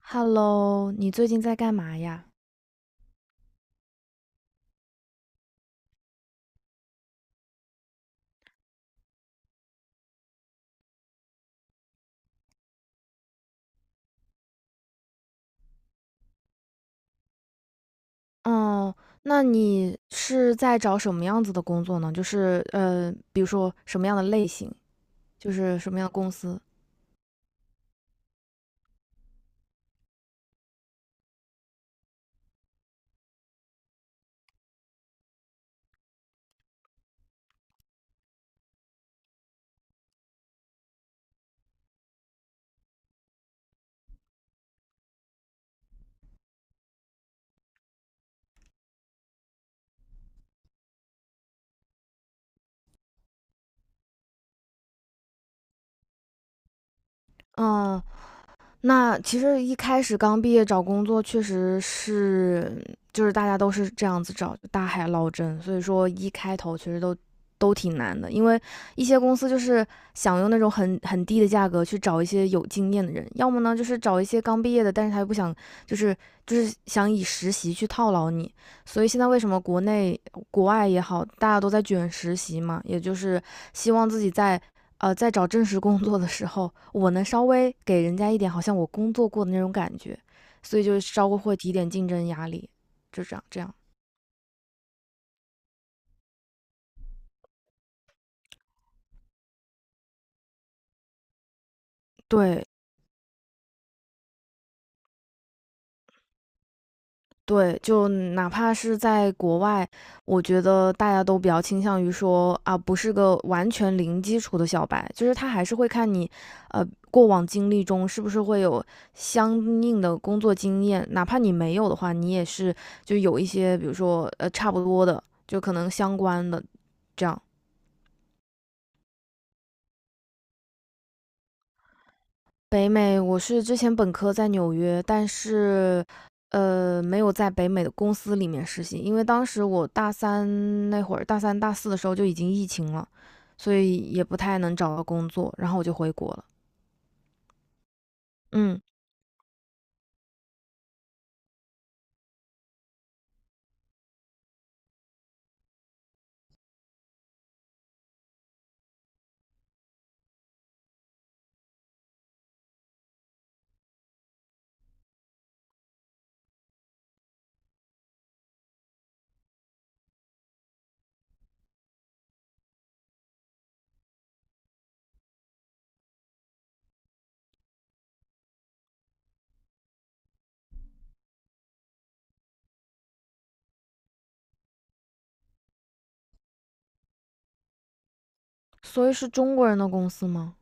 Hello，你最近在干嘛呀？哦，那你是在找什么样子的工作呢？就是比如说什么样的类型，就是什么样的公司？嗯。那其实一开始刚毕业找工作，确实是就是大家都是这样子找，大海捞针，所以说一开头其实都挺难的，因为一些公司就是想用那种很低的价格去找一些有经验的人，要么呢就是找一些刚毕业的，但是他又不想就是就是想以实习去套牢你，所以现在为什么国内国外也好，大家都在卷实习嘛，也就是希望自己在在找正式工作的时候，我能稍微给人家一点好像我工作过的那种感觉，所以就稍微会提点竞争压力，就这样这样。对，对，就哪怕是在国外，我觉得大家都比较倾向于说啊，不是个完全零基础的小白，就是他还是会看你，呃，过往经历中是不是会有相应的工作经验，哪怕你没有的话，你也是就有一些，比如说差不多的，就可能相关的这样。北美，我是之前本科在纽约，但是，没有在北美的公司里面实习，因为当时我大三那会儿，大三大四的时候就已经疫情了，所以也不太能找到工作，然后我就回国了。嗯，所以是中国人的公司吗？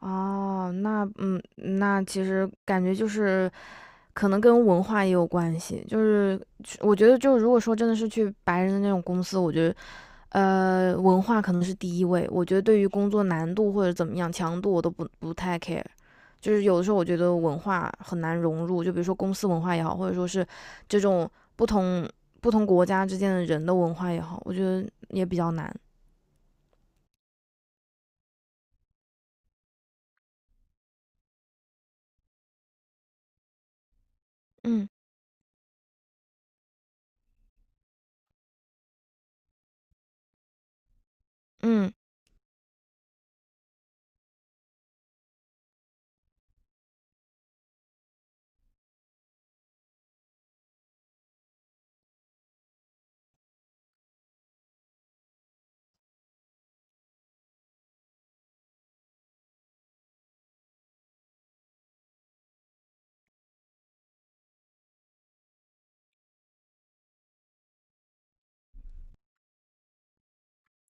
哦，那嗯，那其实感觉就是可能跟文化也有关系，就是去我觉得就如果说真的是去白人的那种公司，我觉得文化可能是第一位。我觉得对于工作难度或者怎么样强度，我都不太 care。就是有的时候我觉得文化很难融入，就比如说公司文化也好，或者说是这种不同不同国家之间的人的文化也好，我觉得也比较难。嗯嗯。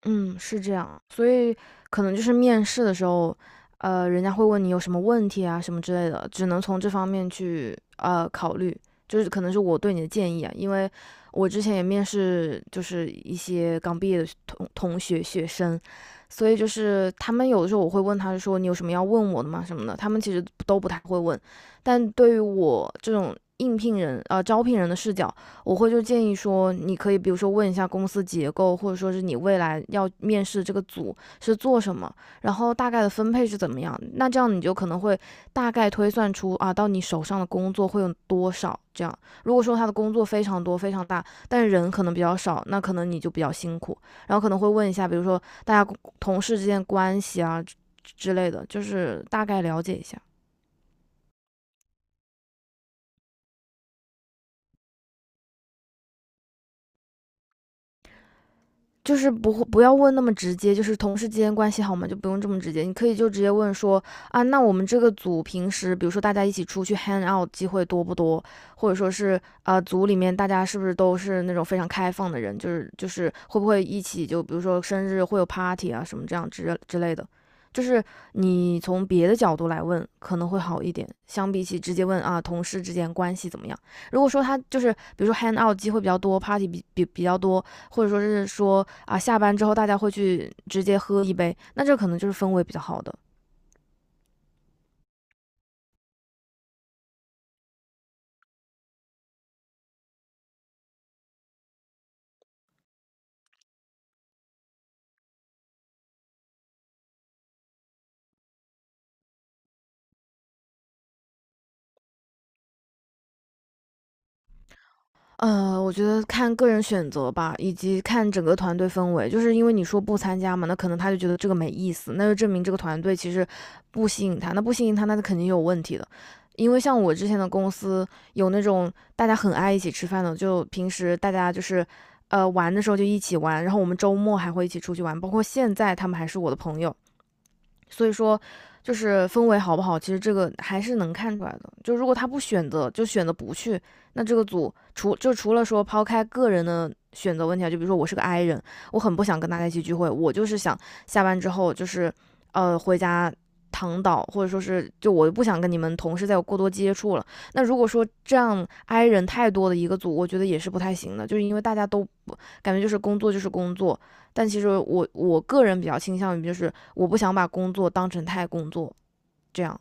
嗯，是这样。所以可能就是面试的时候，人家会问你有什么问题啊，什么之类的，只能从这方面去考虑。就是可能是我对你的建议啊，因为我之前也面试，就是一些刚毕业的同学生，所以就是他们有的时候我会问他说你有什么要问我的吗什么的，他们其实都不太会问。但对于我这种应聘人啊、招聘人的视角，我会就建议说，你可以比如说问一下公司结构，或者说是你未来要面试这个组是做什么，然后大概的分配是怎么样。那这样你就可能会大概推算出啊，到你手上的工作会有多少。这样，如果说他的工作非常多、非常大，但是人可能比较少，那可能你就比较辛苦。然后可能会问一下，比如说大家同事之间关系啊之类的，就是大概了解一下。就是不会不要问那么直接，就是同事之间关系好吗？就不用这么直接，你可以就直接问说啊，那我们这个组平时，比如说大家一起出去 hang out 机会多不多，或者说是啊、组里面大家是不是都是那种非常开放的人，就是会不会一起就比如说生日会有 party 啊什么这样之类的，就是你从别的角度来问可能会好一点，相比起直接问啊同事之间关系怎么样。如果说他就是比如说 hang out 机会比较多，party 比较多，或者说是说啊，下班之后大家会去直接喝一杯，那这可能就是氛围比较好的。呃，我觉得看个人选择吧，以及看整个团队氛围。就是因为你说不参加嘛，那可能他就觉得这个没意思，那就证明这个团队其实不吸引他。那不吸引他，那肯定有问题的。因为像我之前的公司有那种大家很爱一起吃饭的，就平时大家就是玩的时候就一起玩，然后我们周末还会一起出去玩，包括现在他们还是我的朋友。所以说，就是氛围好不好，其实这个还是能看出来的。就如果他不选择，就选择不去，那这个组除了说抛开个人的选择问题啊，就比如说我是个 I 人，我很不想跟大家一起聚会，我就是想下班之后就是回家躺倒，或者说是就我不想跟你们同事再有过多接触了。那如果说这样 I 人太多的一个组，我觉得也是不太行的，就是因为大家都不感觉就是工作就是工作，但其实我个人比较倾向于就是我不想把工作当成太工作这样。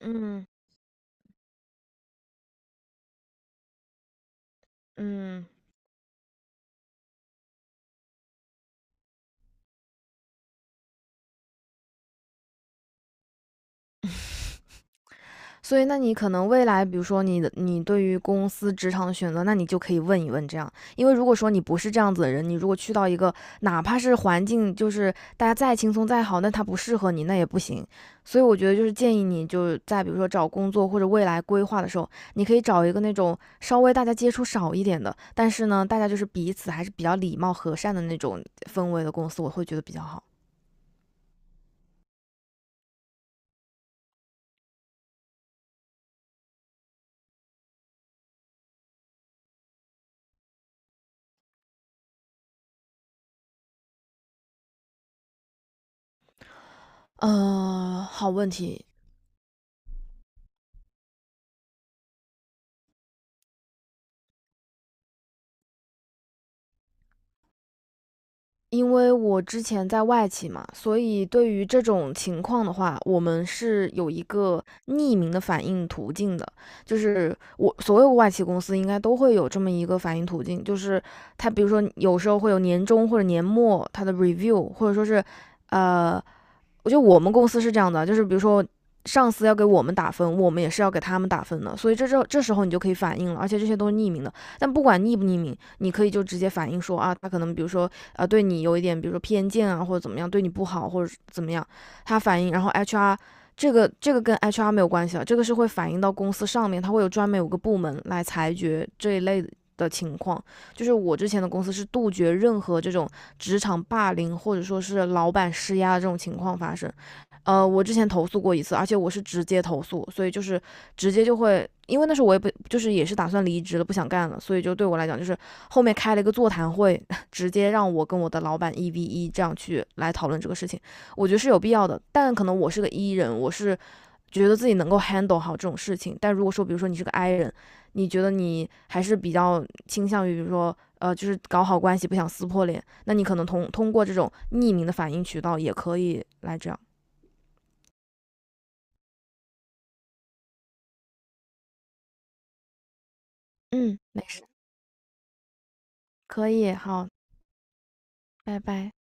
嗯嗯，所以，那你可能未来，比如说你对于公司职场的选择，那你就可以问一问这样，因为如果说你不是这样子的人，你如果去到一个哪怕是环境就是大家再轻松再好，那它不适合你，那也不行。所以我觉得就是建议你就在比如说找工作或者未来规划的时候，你可以找一个那种稍微大家接触少一点的，但是呢，大家就是彼此还是比较礼貌和善的那种氛围的公司，我会觉得比较好。嗯，好问题。因为我之前在外企嘛，所以对于这种情况的话，我们是有一个匿名的反应途径的。就是我所有外企公司应该都会有这么一个反应途径，就是它比如说有时候会有年终或者年末它的 review,或者说是呃我觉得我们公司是这样的，就是比如说上司要给我们打分，我们也是要给他们打分的，所以这时候你就可以反映了，而且这些都是匿名的。但不管匿不匿名，你可以就直接反映说啊，他可能比如说啊对你有一点，比如说偏见啊或者怎么样，对你不好或者怎么样，他反映，然后 HR。这个跟 HR 没有关系啊，这个是会反映到公司上面，它会有专门有个部门来裁决这一类的情况。就是我之前的公司是杜绝任何这种职场霸凌或者说是老板施压的这种情况发生。呃，我之前投诉过一次，而且我是直接投诉，所以就是直接就会，因为那时候我也不就是也是打算离职了，不想干了，所以就对我来讲，就是后面开了一个座谈会，直接让我跟我的老板一 v 一这样去来讨论这个事情，我觉得是有必要的。但可能我是个 E 人，我是觉得自己能够 handle 好这种事情。但如果说，比如说你是个 I 人，你觉得你还是比较倾向于，比如说就是搞好关系，不想撕破脸，那你可能通过这种匿名的反应渠道也可以来这样。嗯，没事，可以，好，拜拜。